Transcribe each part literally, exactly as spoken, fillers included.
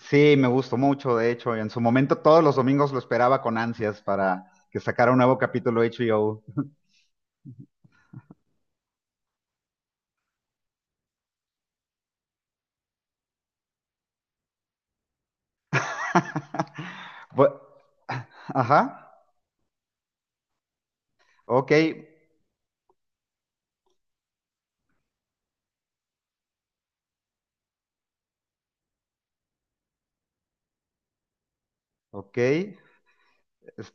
Sí, me gustó mucho, de hecho, en su momento todos los domingos lo esperaba con ansias para que sacara un nuevo capítulo H B O. Bu- Ajá, ok, ok. Es-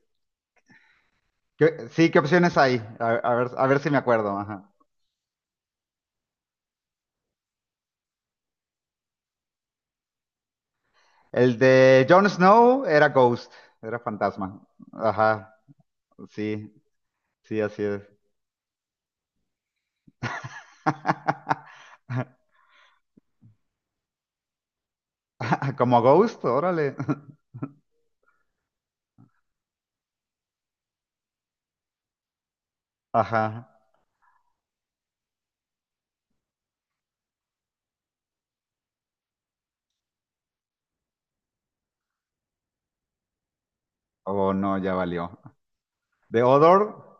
¿qué- ¿sí, qué opciones hay? A, a ver, a ver si me acuerdo. Ajá. El de Jon Snow era Ghost, era fantasma. Ajá, sí, sí, así es. Como Ghost, órale. Ajá. Oh, no, ya valió. ¿De Odor?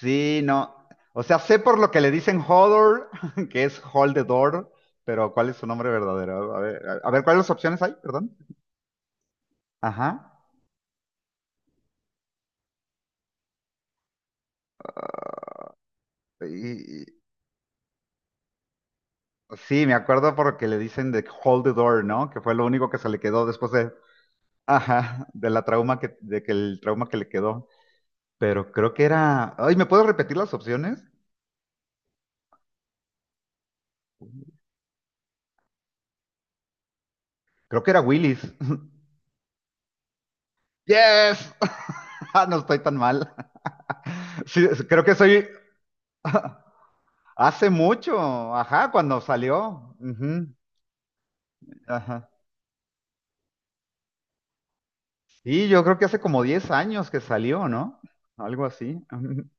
Sí, no. O sea, sé por lo que le dicen Hodor, que es Hold the Door, pero ¿cuál es su nombre verdadero? A ver, a a ver, ¿cuáles opciones hay? Perdón. Ajá. Y- y- sí, me acuerdo por lo que le dicen de Hold the Door, ¿no? Que fue lo único que se le quedó después de, ajá, de la trauma que, de que el trauma que le quedó. Pero creo que era, ay, ¿me puedo repetir las opciones? Creo que era Willis. Yes. No estoy tan mal. Sí, creo que soy. Hace mucho, ajá, cuando salió. Ujú. Ajá. Sí, yo creo que hace como diez años que salió, ¿no? Algo así.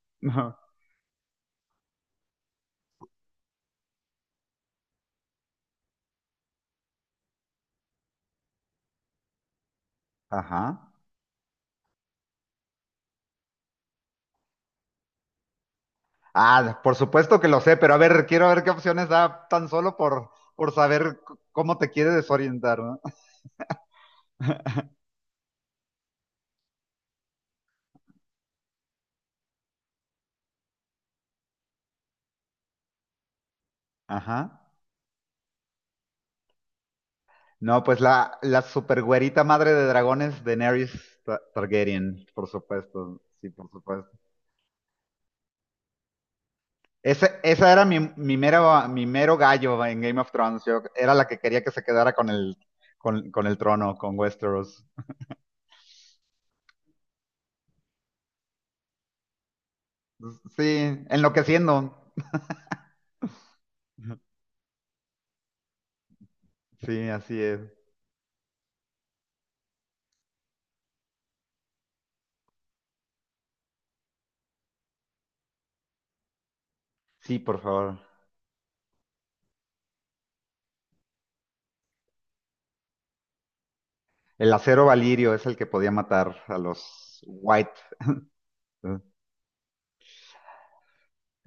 Ajá. Ah, por supuesto que lo sé, pero a ver, quiero ver qué opciones da tan solo por, por saber c- cómo te quiere desorientar, ¿no? Ajá. No, pues la, la supergüerita madre de dragones, Daenerys Ta- Targaryen, por supuesto. Sí, por supuesto. Ese, esa era mi, mi, mero, mi mero gallo en Game of Thrones. Yo era la que quería que se quedara con el, con, con el trono, con Westeros. Sí, enloqueciendo. Sí, así es. Sí, por favor. El acero valirio es el que podía matar a los White.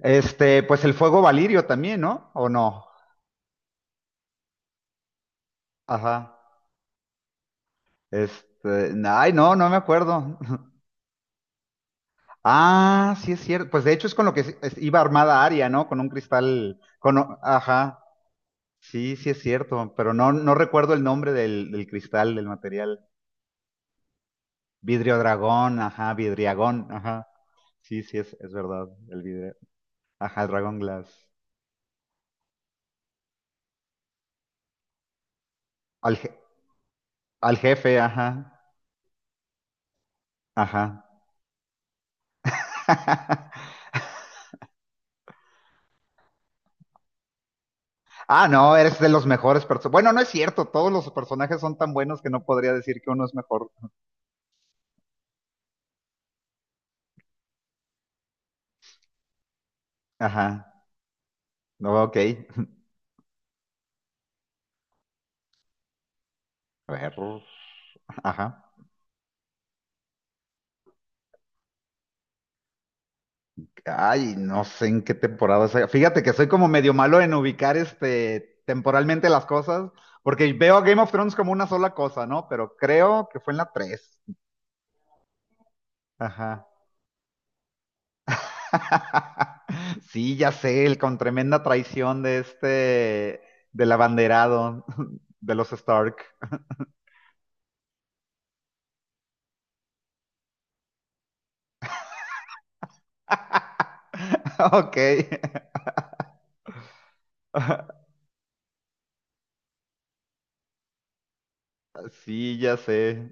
Este, pues el fuego valirio también, ¿no? ¿O no? Ajá. Este, ay, no, no me acuerdo. Ah, sí es cierto. Pues de hecho es con lo que es- iba armada Aria, ¿no? Con un cristal, con, o- ajá. Sí, sí es cierto, pero no, no recuerdo el nombre del, del cristal, del material. Vidrio dragón, ajá, vidriagón, ajá. Sí, sí, es, es verdad, el vidrio. Ajá, el dragón glass. Al, je- Al jefe, ajá, ajá. Ah, no, eres de los mejores personajes. Bueno, no es cierto, todos los personajes son tan buenos que no podría decir que uno es mejor. Ajá, no, ok. A ver, ajá. Ay, no sé en qué temporada sea. Fíjate que soy como medio malo en ubicar este temporalmente las cosas, porque veo a Game of Thrones como una sola cosa, ¿no? Pero creo que fue en la tres. Ajá. Sí, ya sé, el con tremenda traición de este, del abanderado de los Stark. Ok. Sí, ya sé.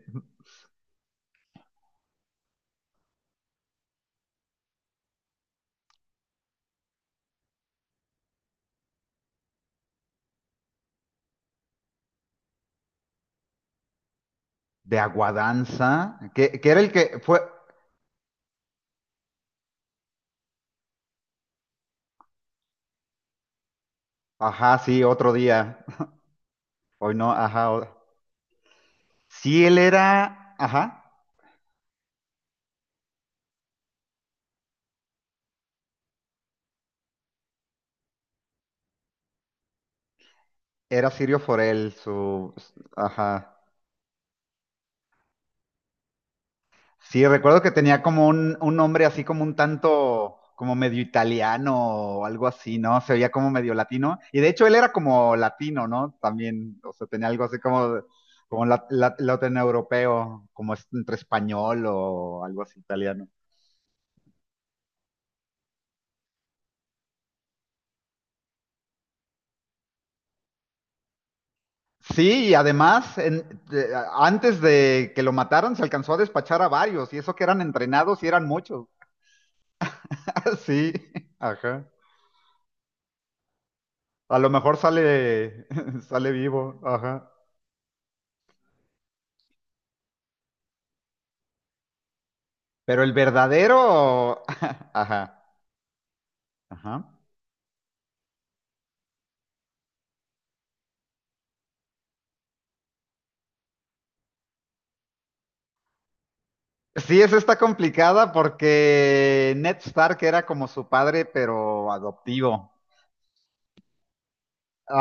De Aguadanza, que, que era el que fue. Ajá, sí, otro día. Hoy no, ajá. o- Sí, él era, ajá, era Sirio Forel, su, ajá. Sí, recuerdo que tenía como un, un nombre así como un tanto, como medio italiano o algo así, ¿no? Se oía como medio latino. Y de hecho él era como latino, ¿no? También, o sea, tenía algo así como, como lat- lat- latinoeuropeo, como es- entre español o algo así italiano. Sí, y además, en- de- antes de que lo mataran, se alcanzó a despachar a varios, y eso que eran entrenados y eran muchos. Sí, ajá. A lo mejor sale, sale vivo, ajá. Pero el verdadero, ajá, ajá. Sí, esa está complicada porque Ned Stark era como su padre, pero adoptivo.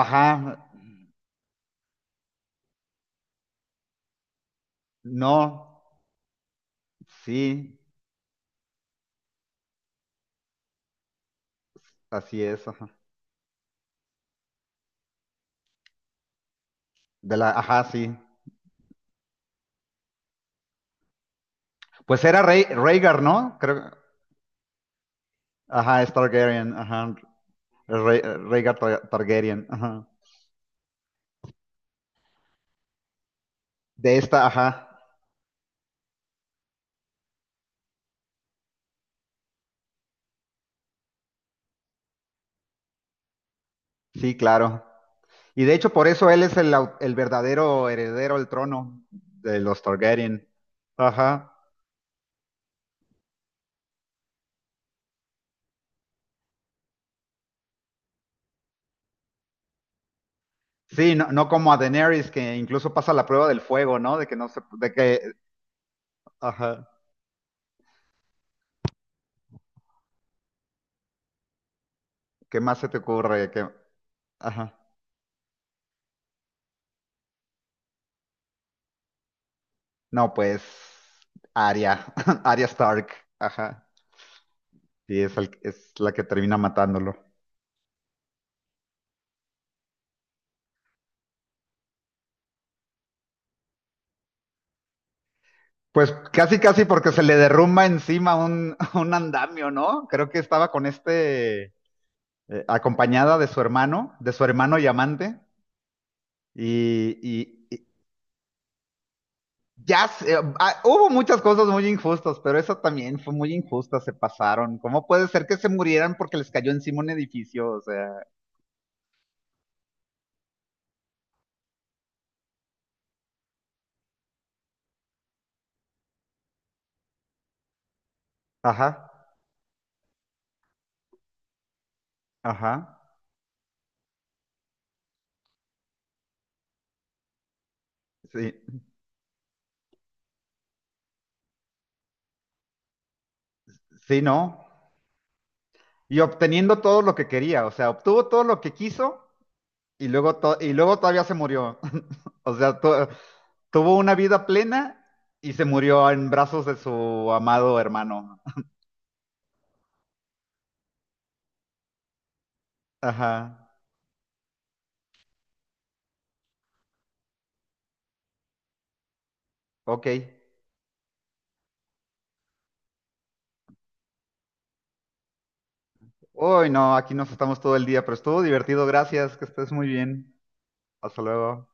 Ajá, no, sí, así es, ajá. De la, ajá, sí. Pues era Rey, Rhaegar, ¿no? Creo, ajá, es Targaryen, ajá. Rey- Rhaegar Tar- Targaryen, ajá. De esta, ajá, sí, claro. Y de hecho, por eso él es el, au- el verdadero heredero al trono de los Targaryen. Ajá. Sí, no, no como a Daenerys, que incluso pasa la prueba del fuego, ¿no? De que no se, de que, ajá. ¿Qué más se te ocurre? Que, ajá. No, pues, Arya, Arya Stark, ajá. Sí, es, el- es la que termina matándolo. Pues casi, casi porque se le derrumba encima un, un andamio, ¿no? Creo que estaba con este, eh, acompañada de su hermano, de su hermano y amante. Y, y- y ya sé, ah, hubo muchas cosas muy injustas, pero eso también fue muy injusta, se pasaron. ¿Cómo puede ser que se murieran porque les cayó encima un edificio? O sea, ajá, ajá, sí, sí, no. Y obteniendo todo lo que quería, o sea, obtuvo todo lo que quiso y luego, to- y luego todavía se murió. O sea, tu- tuvo una vida plena y se murió en brazos de su amado hermano. Ajá, ok. Uy, no, aquí nos estamos todo el día, pero estuvo divertido, gracias, que estés muy bien. Hasta luego.